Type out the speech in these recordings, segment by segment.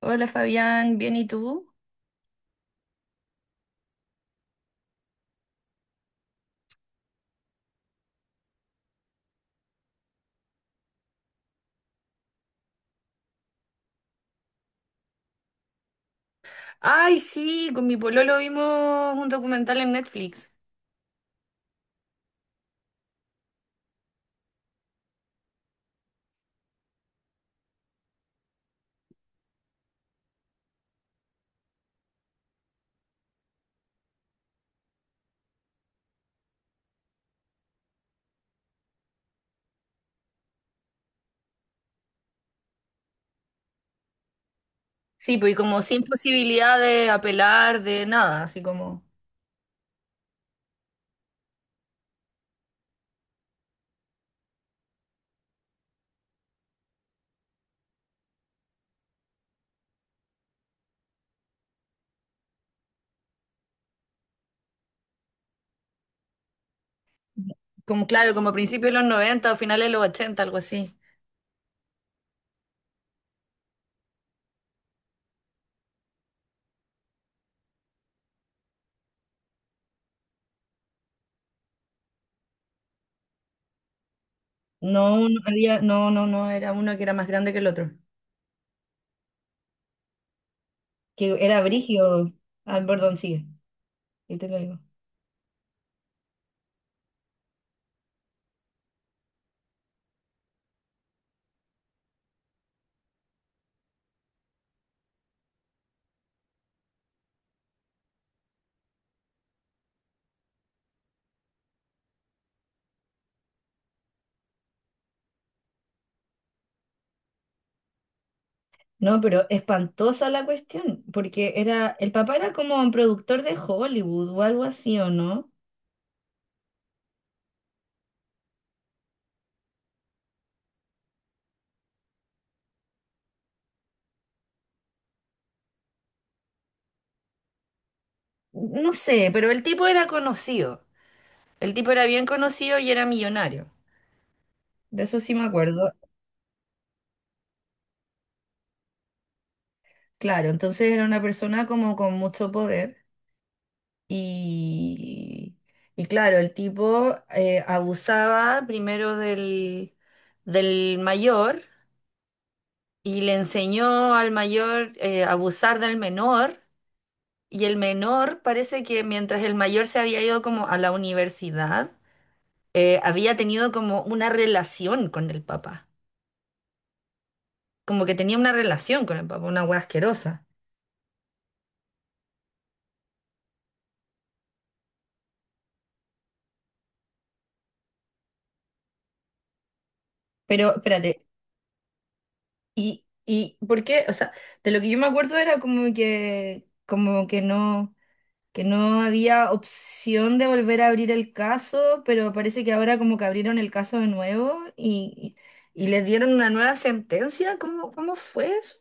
Hola Fabián, ¿bien y tú? Ay, sí, con mi pololo vimos un documental en Netflix. Sí, pues y como sin posibilidad de apelar, de nada, así como, como claro, como a principios de los 90 o finales de los 80, algo así. No, no había, no, no, no, era uno que era más grande que el otro, que era Brigio. Ah, perdón, sigue, y te lo digo. No, pero espantosa la cuestión, porque era, el papá era como un productor de Hollywood o algo así, ¿o no? No sé, pero el tipo era conocido. El tipo era bien conocido y era millonario. De eso sí me acuerdo. Claro, entonces era una persona como con mucho poder y, y claro, el tipo abusaba primero del mayor y le enseñó al mayor, a abusar del menor, y el menor parece que mientras el mayor se había ido como a la universidad, había tenido como una relación con el papá, como que tenía una relación con el papá, una hueá asquerosa. Pero espérate, ¿y por qué? O sea, de lo que yo me acuerdo era como que no había opción de volver a abrir el caso, pero parece que ahora como que abrieron el caso de nuevo y les dieron una nueva sentencia. ¿Cómo, cómo fue eso?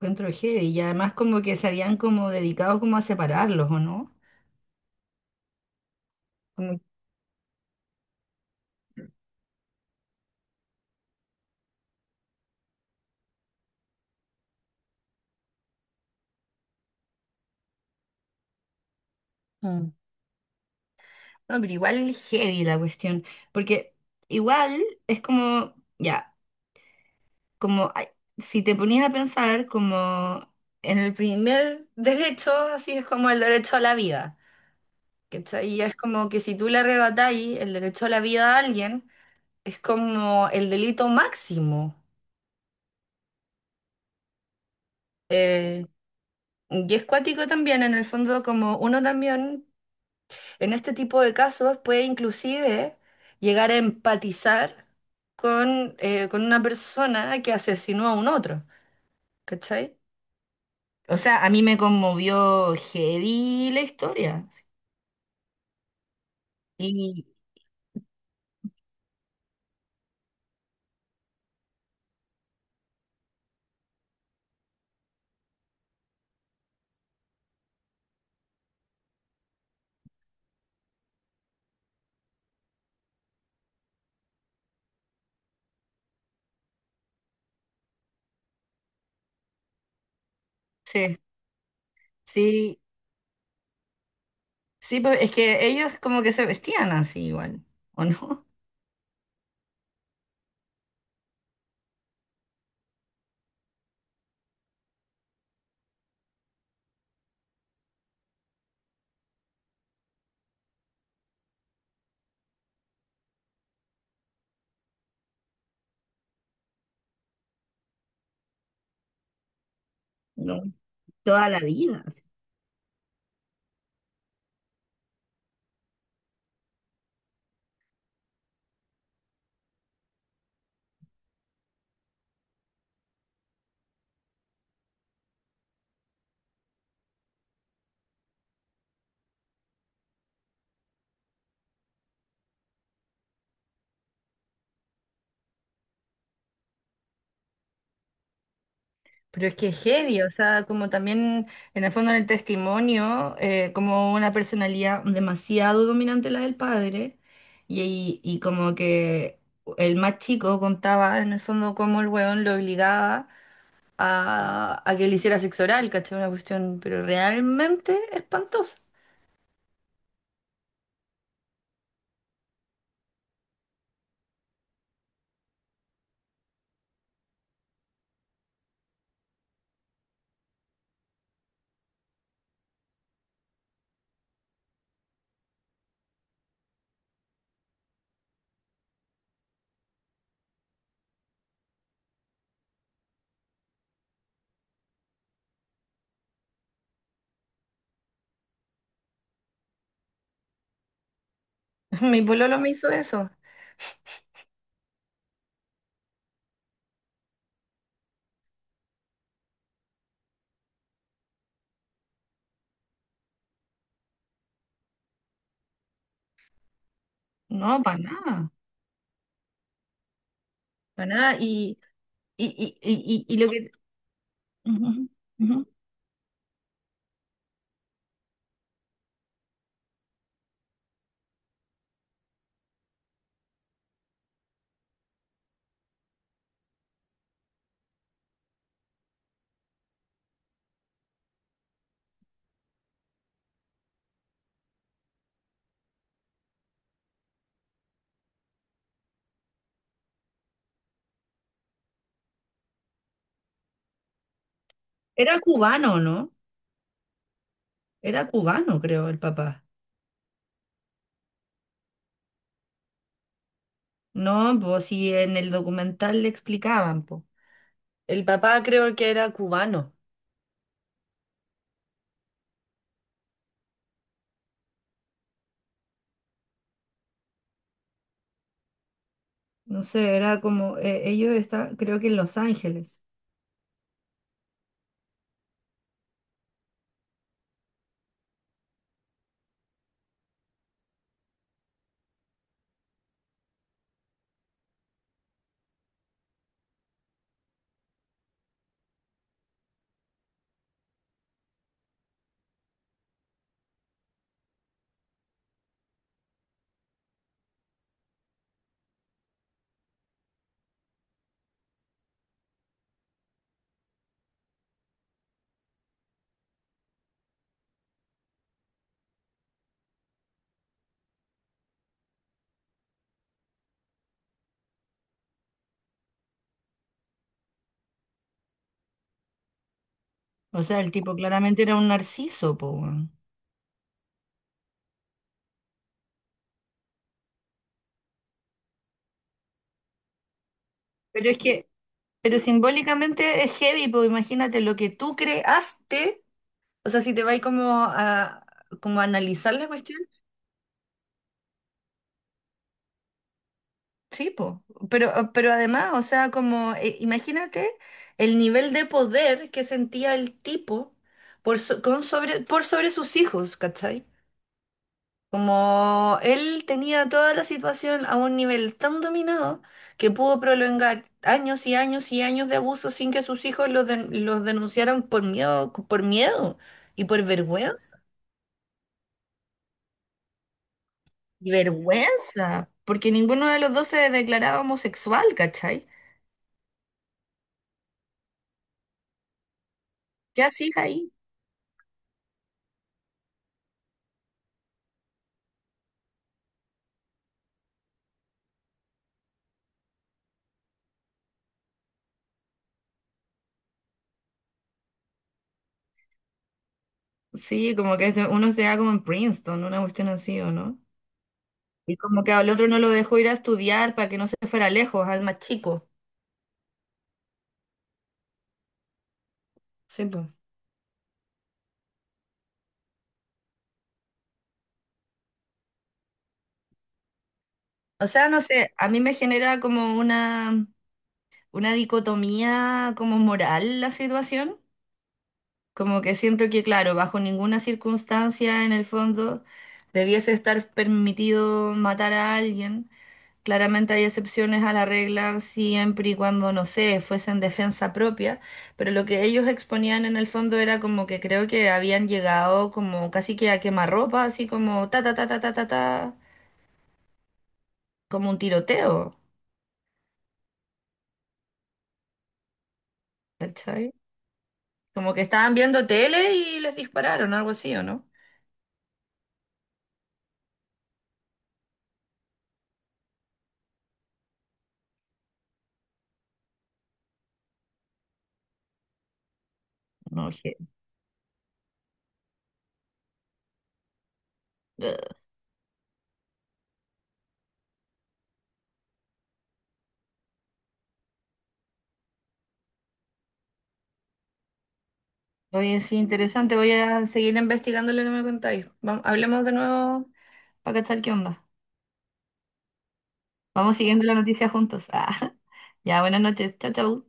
Encuentro heavy, y además como que se habían como dedicado como a separarlos, ¿o no? Como mm, no, pero igual heavy la cuestión, porque igual es como, ya. Como ay, si te ponías a pensar como en el primer derecho, así es como el derecho a la vida. ¿Cachai? Y es como que si tú le arrebatáis el derecho a la vida a alguien, es como el delito máximo. Eh, y es cuático también, en el fondo, como uno también en este tipo de casos puede inclusive llegar a empatizar con una persona que asesinó a un otro. ¿Cachai? O sea, a mí me conmovió heavy la historia. Y sí, sí, sí, pues es que ellos como que se vestían así igual, ¿o no? No. Toda la vida. Así. Pero es que es heavy, o sea, como también en el fondo en el testimonio, como una personalidad demasiado dominante la del padre, y como que el más chico contaba en el fondo cómo el weón lo obligaba a que le hiciera sexo oral, ¿cachai? Una cuestión, pero realmente espantosa. Mi pololo me hizo eso. No, para nada, para nada. Y lo que... Ujú, ujú. Era cubano, ¿no? Era cubano, creo, el papá. No, pues si en el documental le explicaban, pues. El papá creo que era cubano. No sé, era como, ellos estaban, creo que en Los Ángeles. O sea, el tipo claramente era un narciso, po. Weón. Pero es que Pero simbólicamente es heavy, pues imagínate lo que tú creaste, o sea, si te vas como a, como a analizar la cuestión, sí, pues, pero además, o sea, como, imagínate el nivel de poder que sentía el tipo por, so- con sobre, por sobre sus hijos, ¿cachai? Como él tenía toda la situación a un nivel tan dominado que pudo prolongar años y años y años de abuso sin que sus hijos los, den- los denunciaran por miedo y por vergüenza. Y vergüenza, porque ninguno de los dos se declaraba homosexual, ¿cachai? ¿Qué hacías ahí? Sí, como que se- uno se da como en Princeton, una cuestión así, ¿o no? Y como que al otro no lo dejó ir a estudiar para que no se fuera lejos, al más chico. Sí, o sea, no sé, a mí me genera como una dicotomía como moral la situación, como que siento que, claro, bajo ninguna circunstancia en el fondo debiese estar permitido matar a alguien. Claramente hay excepciones a la regla siempre y cuando, no sé, fuese en defensa propia, pero lo que ellos exponían en el fondo era como que creo que habían llegado como casi que a quemarropa, así como ta ta ta ta ta ta ta, como un tiroteo, ¿cachai? Como que estaban viendo tele y les dispararon, algo así, ¿o no? No, dije, "Ugh". Oye, sí, interesante. Voy a seguir investigando lo que me contáis. Vamos, hablemos de nuevo para cachar qué onda. Vamos siguiendo la noticia juntos. Ah, ya, buenas noches. Chao, chao.